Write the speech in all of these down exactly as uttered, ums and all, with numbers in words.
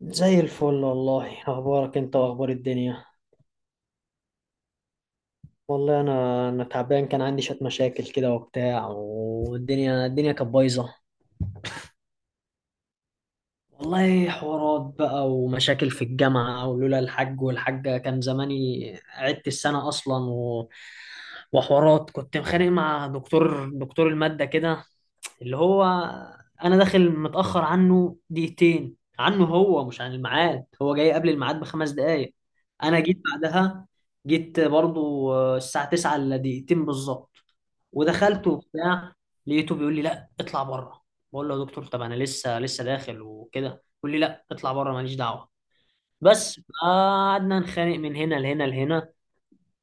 زي الفل والله، اخبارك انت واخبار الدنيا؟ والله انا انا تعبان، كان عندي شويه مشاكل كده وبتاع، والدنيا الدنيا كانت بايظه. والله حوارات بقى ومشاكل في الجامعه، ولولا الحاج والحاجه كان زماني عدت السنه اصلا و... وحوارات، كنت مخانق مع دكتور دكتور الماده كده، اللي هو انا داخل متأخر عنه دقيقتين، عنه هو مش عن الميعاد، هو جاي قبل الميعاد بخمس دقايق. انا جيت بعدها، جيت برضو آه، الساعة تسعة الا دقيقتين بالظبط، ودخلت وبتاع. لقيته بيقول لي لا اطلع بره، بقول له يا دكتور طب انا لسه لسه داخل وكده، بيقول لي لا اطلع بره ماليش دعوة. بس قعدنا نخانق من هنا لهنا لهنا،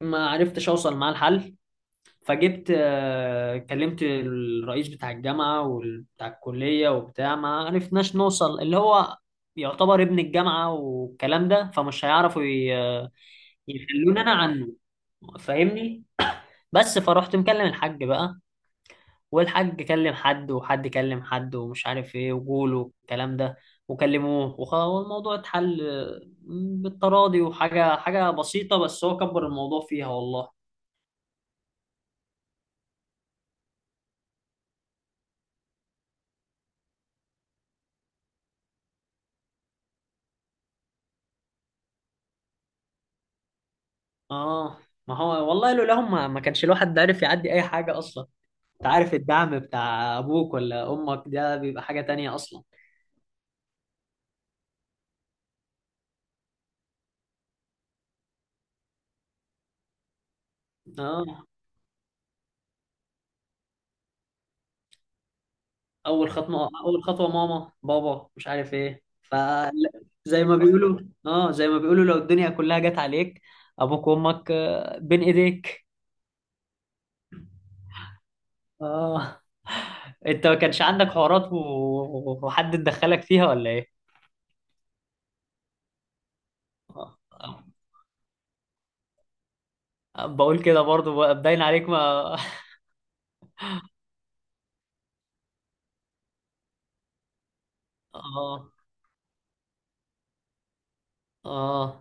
ما عرفتش اوصل معاه الحل. فجبت آه، كلمت الرئيس بتاع الجامعة وبتاع الكلية وبتاع، ما عرفناش نوصل، اللي هو يعتبر ابن الجامعة والكلام ده، فمش هيعرفوا ي- يخلوني أنا عنه، فاهمني. بس فروحت مكلم الحاج بقى، والحاج كلم حد، وحد كلم حد، ومش عارف ايه، وجوله الكلام ده وكلموه وخ- والموضوع اتحل، آه، بالتراضي، وحاجة حاجة بسيطة بس هو كبر الموضوع فيها والله. اه. ما هو والله لولاهم ما ما كانش الواحد عارف يعدي اي حاجه اصلا. انت عارف الدعم بتاع ابوك ولا امك ده بيبقى حاجه تانية اصلا. اه. اول خطوه اول خطوه ماما بابا مش عارف ايه ف زي ما بيقولوا. اه، زي ما بيقولوا لو الدنيا كلها جت عليك، ابوك وامك آه، بين ايديك. اه. انت ما كانش عندك حوارات و... وحد دخلك فيها ولا ايه؟ آه. آه. بقول كده برضو باين عليك. ما اه. اه.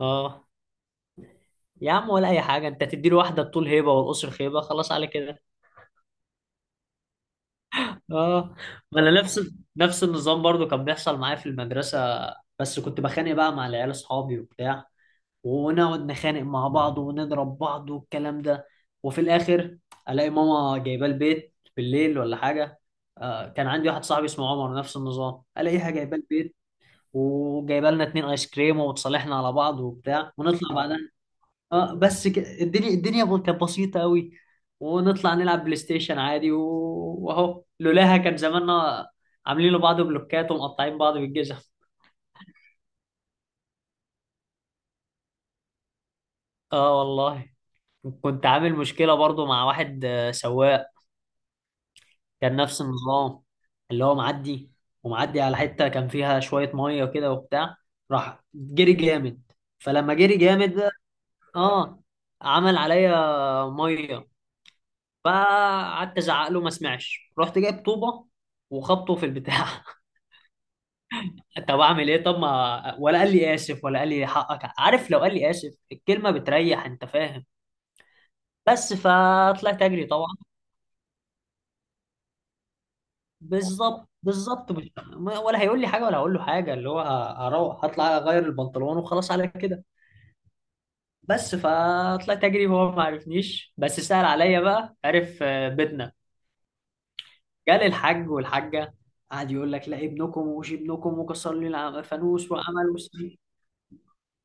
اه يا عم، ولا اي حاجه، انت تديله واحده، الطول هيبه والقصر خيبه، خلاص على كده. اه، ما انا نفس نفس النظام برضو كان بيحصل معايا في المدرسه، بس كنت بخانق بقى مع العيال اصحابي وبتاع، ونقعد نخانق مع بعض ونضرب بعض والكلام ده، وفي الاخر الاقي ماما جايباه البيت بالليل ولا حاجه. آه، كان عندي واحد صاحبي اسمه عمر، نفس النظام، الاقيها جايباه البيت وجايبه لنا اتنين ايس كريم، وتصالحنا على بعض وبتاع ونطلع بعدها. اه بس ك... الدنيا الدنيا ب- كانت بسيطة قوي، ونطلع نلعب بلاي ستيشن عادي و... واهو لولاها كان زماننا عاملين لبعض بلوكات ومقطعين بعض بالجزم. اه والله. كنت عامل مشكلة برضو مع واحد آه، سواق، كان نفس النظام، اللي هو معدي، ومعدي على حتة كان فيها شوية مية كده وبتاع، راح جري جامد. فلما جري جامد ده، اه، عمل عليا مية. فقعدت ازعق له ما سمعش، رحت جايب طوبه وخبطه في البتاع. طب اعمل ايه؟ طب ما ولا قال لي اسف ولا قال لي حقك، عارف لو قال لي اسف الكلمه بتريح، انت فاهم. بس فطلعت اجري طبعا. بالظبط بالظبط مش- ولا هيقول لي حاجه ولا هقول له حاجه، اللي هو ه- هروح هطلع اغير البنطلون وخلاص على كده. بس فطلعت اجري وهو ما عرفنيش، بس سأل عليا بقى، عرف آه، بيتنا. جالي الحاج والحاجه، قعد يقول لك لا ابنكم ومش ابنكم وكسر لي الع- فانوس وعمل وسوي.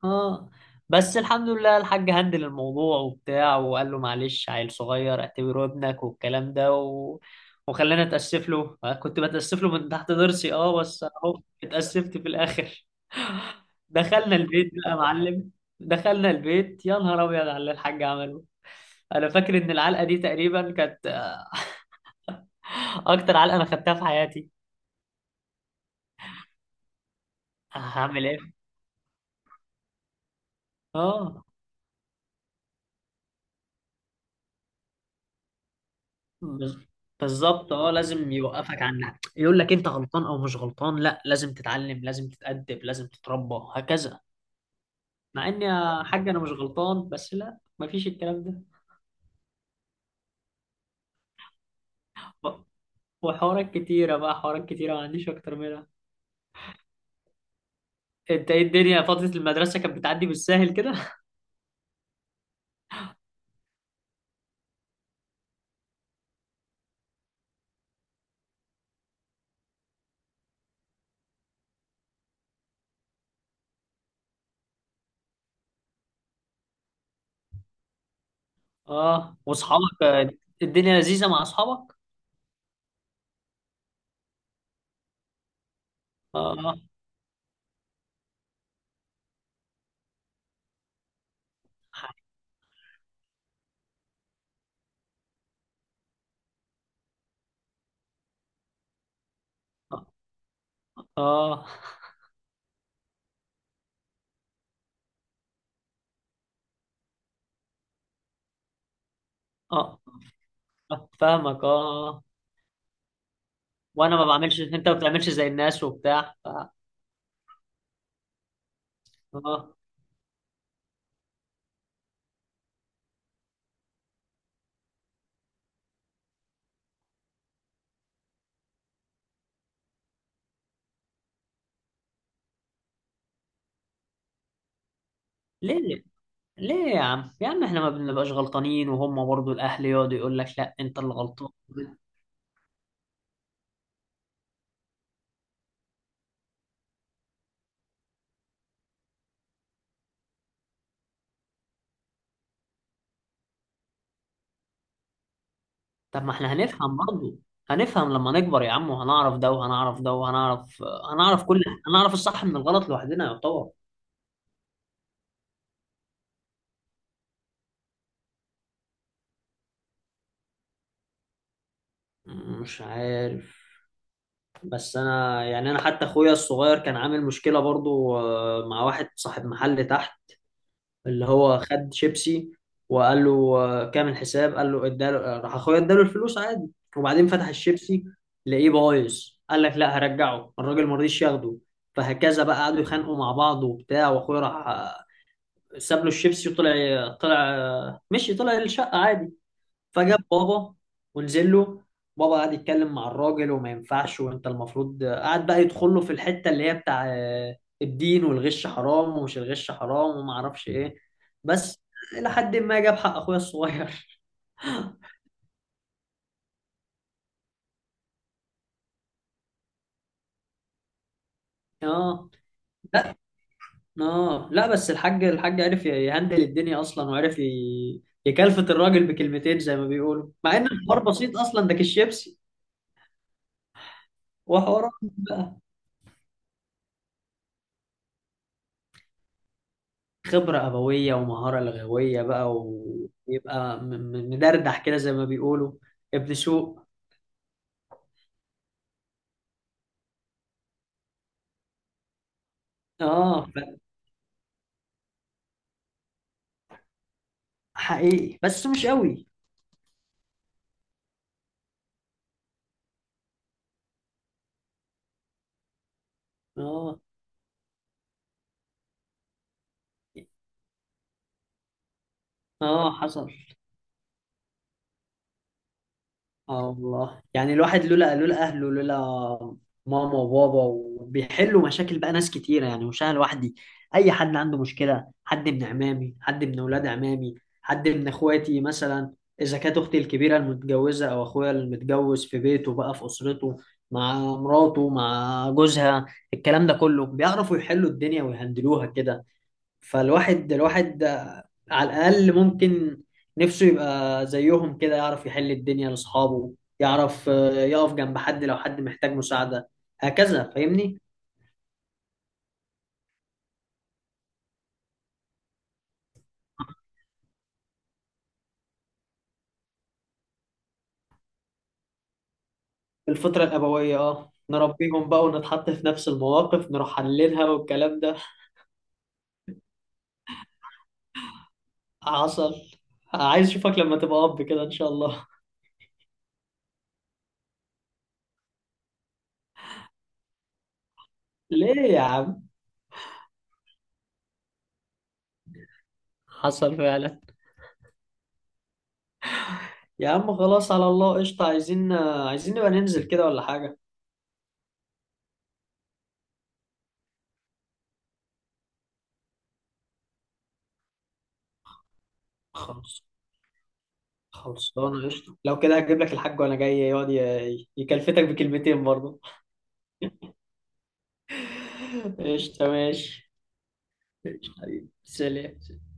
اه. بس الحمد لله الحاج هندل الموضوع وبتاع، وقال له معلش عيل صغير اعتبره ابنك والكلام ده و... وخلاني اتاسف له. آه، كنت بتاسف له من تحت ضرسي، اه، بس اهو اتاسفت في الاخر. دخلنا البيت بقى يا معلم. دخلنا البيت يا نهار ابيض على اللي الحاج عمله. انا فاكر ان العلقه دي تقريبا كانت آه، اكتر علقه انا خدتها في حياتي. هعمل ايه. اه. بز- بالظبط، اه، لازم يوقفك، عن يقول لك انت غلطان او مش غلطان، لا لازم تتعلم لازم تتأدب لازم تتربى، هكذا. مع ان يا حاج انا مش غلطان، بس لا مفيش الكلام ده. و- وحوارات كتيرة بقى، حوارات كتيرة ما عنديش اكتر منها. انت ايه، الدنيا فترة المدرسة كانت بتعدي بالساهل كده؟ اه، واصحابك آه، الدنيا لذيذة مع اصحابك. اه. اه. اه. آه، فاهمك، اه. آه. وانا ما بعملش، انت ما بتعملش زي الناس وبتاع ف... اه. ليه ليه يا عم، يا عم احنا ما بنبقاش غلطانين، وهم برضو الاهل يقعدوا يقول لك لا انت اللي غلطان. طب ما احنا هنفهم برضو، هنفهم لما نكبر يا عم، وهنعرف ده وهنعرف ده وهنعرف، هنعرف كل، هنعرف الصح من الغلط لوحدنا يعتبر. مش عارف. بس انا يعني انا حتى اخويا الصغير كان عامل مشكلة برضو، آه، مع واحد صاحب محل تحت، اللي هو خد شيبسي وقال له آه، كام الحساب، قال له، اداله، آه، راح اخويا اداله الفلوس عادي، وبعدين فتح الشيبسي لقيه بايظ، قال لك لا هرجعه، الراجل ما رضيش ياخده. فهكذا بقى قعدوا يخانقوا مع بعض وبتاع، واخويا راح آه، ساب له الشيبسي وطلع. طلع آه، مشي، طلع الشقة عادي. فجاب بابا ونزل له، بابا قعد يتكلم مع الراجل وما ينفعش وانت المفروض، قعد بقى يدخل له في الحتة اللي هي بتاع آه، الدين والغش حرام، ومش الغش حرام وما اعرفش ايه. بس الى حد ما جاب حق اخويا الصغير. اه. اه لا بس الحاج، الحاج عرف يهندل الدنيا اصلا، وعرف ي- يكلفت الراجل بكلمتين زي ما بيقولوا، مع ان الحوار بسيط اصلا، ده كيس شيبسي وحوار. خبرة أبوية ومهارة لغوية بقى، ويبقى م- م- مدردح كده زي ما بيقولوا، ابن سوق. اه ف- حقيقي، بس مش قوي. اه. اه حصل. اه والله، يعني الواحد لولا لولا اهله، لولا ماما وبابا، وبيحلوا مشاكل بقى، ناس كتيره يعني مش انا لوحدي، اي حد عنده مشكله، حد من عمامي، حد من اولاد عمامي، حد من اخواتي مثلا، اذا كانت اختي الكبيره المتجوزه او اخويا المتجوز في بيته بقى، في اسرته، مع مراته، مع جوزها، الكلام ده كله بيعرفوا يحلوا الدنيا ويهندلوها كده. فالواحد الواحد على الأقل ممكن نفسه يبقى زيهم كده، يعرف يحل الدنيا لأصحابه، يعرف، آه، يقف جنب حد لو حد محتاج مساعدة، هكذا، فاهمني. الفطرة الأبوية، اه، نربيهم بقى ونتحط في نفس المواقف نروح حللها والكلام ده. حصل. عايز اشوفك لما تبقى اب كده ان شاء الله. ليه يا عم. حصل فعلا. يا عم خلاص، على الله. قشطة، عايزين، آه، عايزين نبقى ننزل كده ولا حاجة. خلاص. خلصانة، قشطة، لو كده هجيب لك الحاج وأنا جاي يقعد ي- يكلفتك بكلمتين برضه. قشطة ماشي. قشطة حبيبي سلام.